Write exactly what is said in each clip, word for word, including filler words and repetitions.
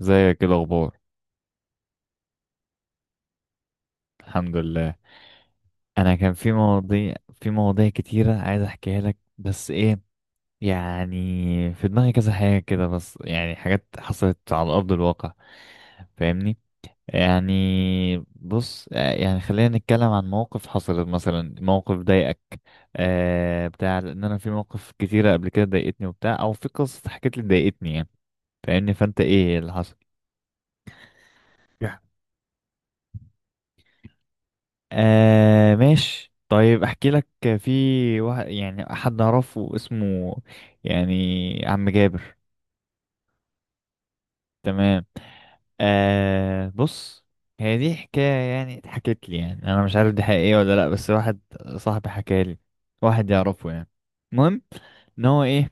ازيك؟ ايه الاخبار؟ الحمد لله. انا كان في مواضيع في مواضيع كتيره عايز احكيها لك، بس ايه يعني. في دماغي كذا حاجه كده، بس يعني حاجات حصلت على ارض الواقع، فاهمني؟ يعني بص آه، يعني خلينا نتكلم عن موقف حصلت مثلا، موقف ضايقك آه بتاع، لان انا في مواقف كتيره قبل كده ضايقتني وبتاع، او في قصه حكيت لي ضايقتني يعني، فاهمني؟ فانت ايه اللي حصل؟ آه ماشي، طيب احكي لك. في واحد، يعني حد اعرفه اسمه يعني عم جابر. تمام. آه بص، هي دي حكاية يعني اتحكت لي، يعني انا مش عارف دي حقيقية ولا لا، بس واحد صاحبي حكى لي، واحد يعرفه يعني. المهم ان هو ايه،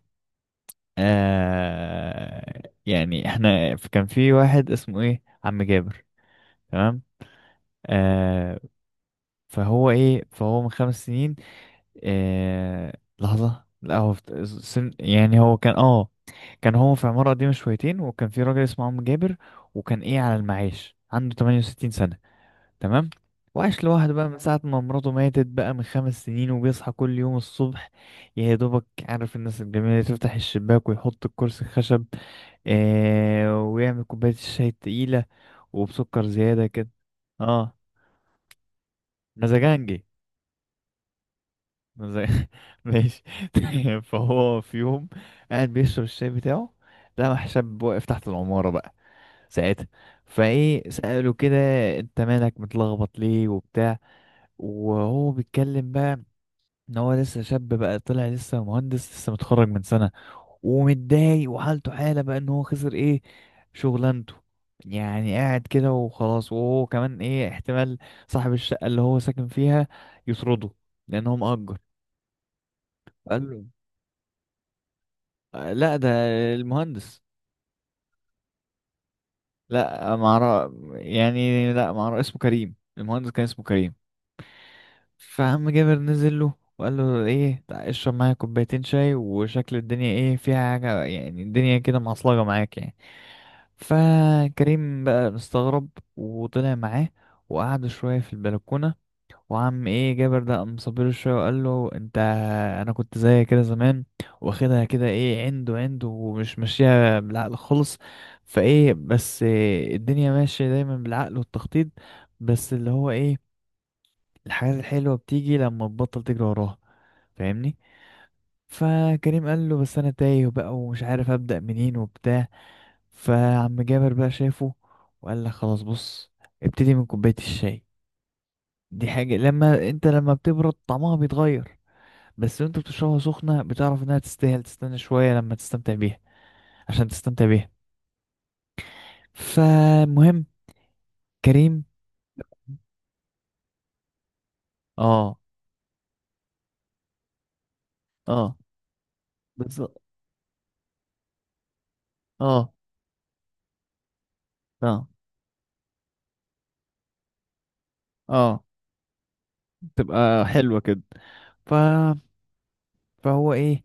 آه يعني احنا ف- كان في واحد اسمه ايه عم جابر. تمام آه. فهو ايه، فهو من خمس سنين. إيه لحظة، لا هو في سن، يعني هو كان اه كان هو في عمارة قديمة شويتين، وكان في راجل اسمه عم جابر، وكان ايه على المعاش، عنده ثمانية وستين سنة. تمام. وعاش لوحده بقى من ساعة ما مراته ماتت بقى من خمس سنين، وبيصحى كل يوم الصبح يا دوبك، عارف الناس الجميلة اللي تفتح الشباك ويحط الكرسي الخشب، آه، ويعمل كوباية الشاي التقيلة وبسكر زيادة كده. اه، مزاجنجي زي. ماشي. فهو في يوم قاعد بيشرب الشاي بتاعه، لقى حساب واقف تحت العمارة بقى ساعتها، فايه سأله كده، انت مالك متلخبط ليه وبتاع؟ وهو بيتكلم بقى ان هو لسه شاب بقى، طلع لسه مهندس لسه متخرج من سنة، ومتضايق وحالته حالة بقى ان هو خسر ايه شغلانته، يعني قاعد كده وخلاص، وهو كمان ايه احتمال صاحب الشقة اللي هو ساكن فيها يطرده لان هو مأجر. قال له لا، ده المهندس. لا ما اعرف يعني، لا ما اعرف اسمه، كريم، المهندس كان اسمه كريم. فعم جابر نزل له وقال له ايه، تعال اشرب معايا كوبايتين شاي، وشكل الدنيا ايه فيها حاجة، يعني الدنيا كده معصلجة معاك يعني. فكريم بقى مستغرب وطلع معاه، وقعدوا شوية في البلكونة، وعم ايه جابر ده قام صابله شويه وقال له انت، انا كنت زي كده زمان، واخدها كده ايه عنده عنده، ومش ماشيه بالعقل خالص. فايه بس إيه، الدنيا ماشيه دايما بالعقل والتخطيط، بس اللي هو ايه، الحاجات الحلوه بتيجي لما تبطل تجري وراها، فاهمني؟ فكريم قال له بس انا تايه بقى، ومش عارف ابدا منين وبتاع. فعم جابر بقى شافه وقال لك خلاص بص، ابتدي من كوبايه الشاي، دي حاجه لما انت لما بتبرد طعمها بيتغير، بس وانت بتشربها سخنة بتعرف انها تستاهل تستنى شوية لما تستمتع بيها، عشان تستمتع بيها. فمهم كريم. اه، اه، بالظبط، اه، اه، اه، تبقى حلوة كده. ف... فهو ايه،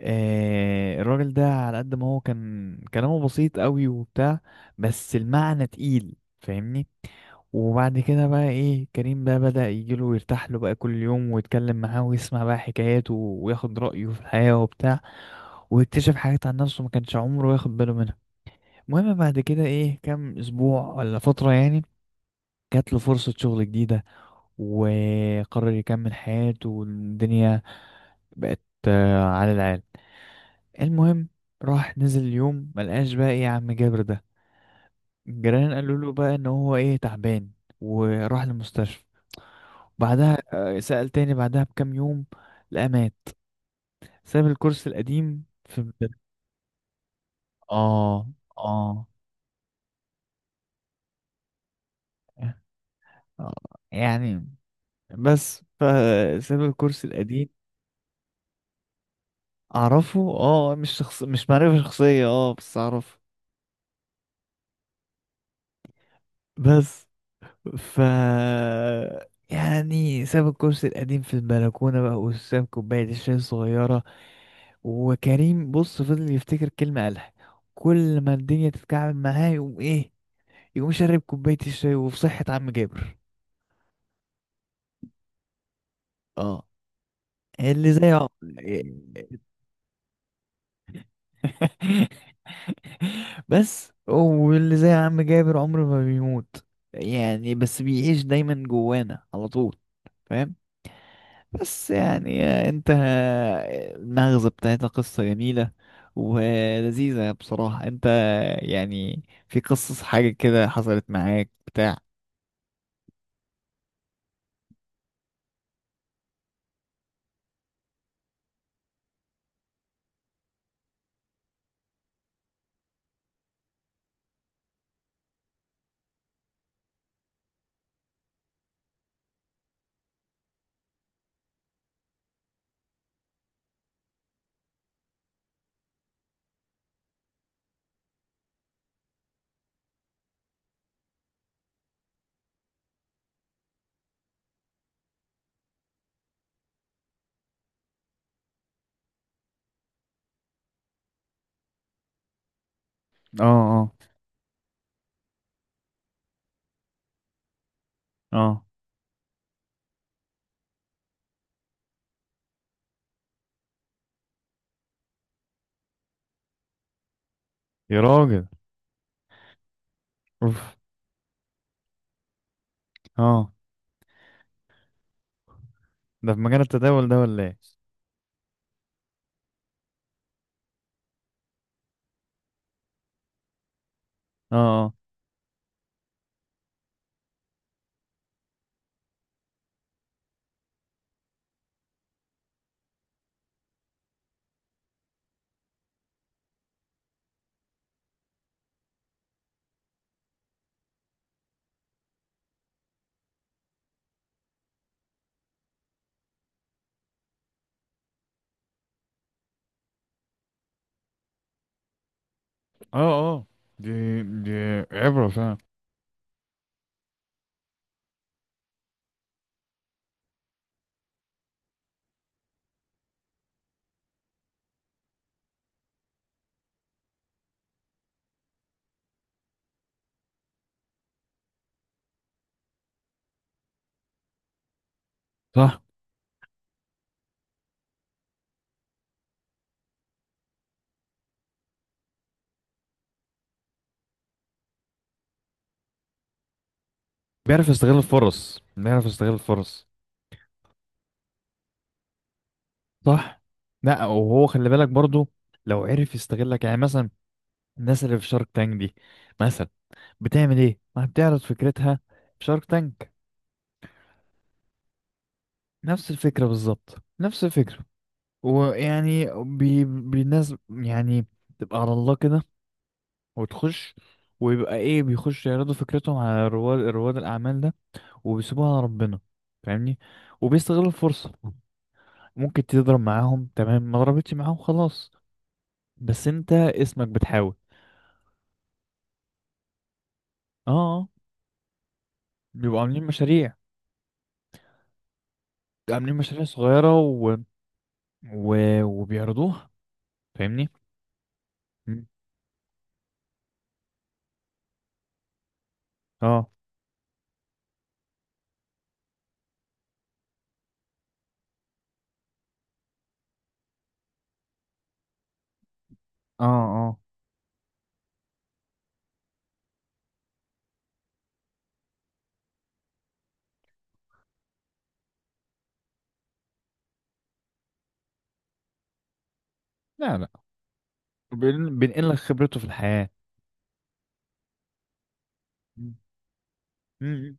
آه الراجل ده على قد ما هو كان كلامه بسيط قوي وبتاع، بس المعنى تقيل، فاهمني؟ وبعد كده بقى ايه كريم بقى بدأ يجيله ويرتاح له بقى كل يوم، ويتكلم معاه ويسمع بقى حكاياته، وياخد رأيه في الحياة وبتاع، ويكتشف حاجات عن نفسه ما كانش عمره ياخد باله منها. المهم بعد كده ايه كام اسبوع ولا فترة يعني، جات له فرصة شغل جديدة، وقرر يكمل حياته، والدنيا بقت آه، على العال. المهم راح نزل اليوم ملقاش بقى ايه يا عم جابر ده، الجيران قالوا له بقى ان هو ايه تعبان وراح المستشفى. بعدها آه، سأل تاني بعدها بكام يوم، لقى مات. ساب الكورس القديم في البلد. اه، اه، آه، يعني بس، فساب الكورس القديم. اعرفه اه، مش شخص، مش معرفة شخصية، اه بس اعرفه. بس ف يعني ساب الكرسي القديم في البلكونة بقى، وساب كوباية الشاي الصغيرة، وكريم بص فضل يفتكر كلمة قالها، كل ما الدنيا تتكعبل معاه يقوم ايه، يقوم شارب كوباية الشاي وفي صحة عم جابر. اه، اللي زي عم... بس، واللي زي عم جابر عمره ما بيموت، يعني بس بيعيش دايما جوانا على طول، فاهم؟ بس يعني انت، المغزى بتاعتها قصة جميلة ولذيذة بصراحة، انت يعني في قصص حاجة كده حصلت معاك بتاع؟ اه، اه، اه، يا راجل، اوف، اه، ده في مجال التداول ده ولا ايه؟ اه، اه، اه، دي دي عبرة فعلا. صح، بيعرف يستغل الفرص، بيعرف يستغل الفرص. صح، لا وهو خلي بالك برضو، لو عرف يستغلك يعني مثلا الناس اللي في شارك تانك دي مثلا بتعمل ايه، ما بتعرض فكرتها؟ في شارك تانك، نفس الفكرة بالظبط، نفس الفكرة، ويعني بي... بالناس يعني، تبقى على الله كده وتخش، ويبقى ايه بيخش يعرضوا فكرتهم على رواد رواد الاعمال ده، وبيسيبوها على ربنا، فاهمني؟ وبيستغل الفرصة، ممكن تضرب معاهم تمام، ما ضربتش معاهم خلاص، بس انت اسمك بتحاول. اه، آه، بيبقوا عاملين مشاريع، عاملين مشاريع صغيرة و... و... وبيعرضوها، فاهمني؟ مم، اه، اه، اه، لا، لا، بين... بينقل لك خبرته في الحياة. مم. مم.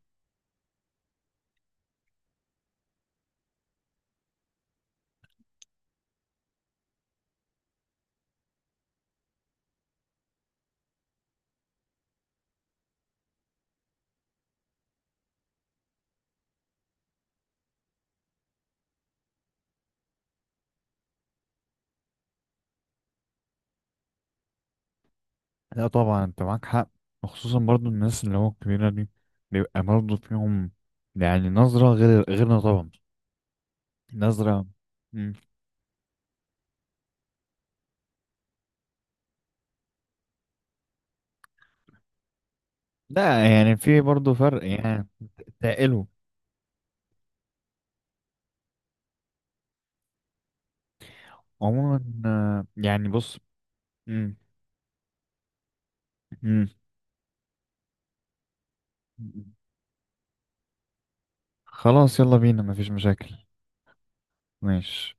لا طبعا انت معاك حق، وخصوصا برضو الناس اللي هو الكبيرة دي، بيبقى برضو فيهم يعني نظرة غير غيرنا طبعا، نظرة. مم. لا يعني في برضه فرق يعني، تقله. عموما آه، يعني بص. مم. مم. خلاص يلا بينا، مفيش مشاكل. ماشي.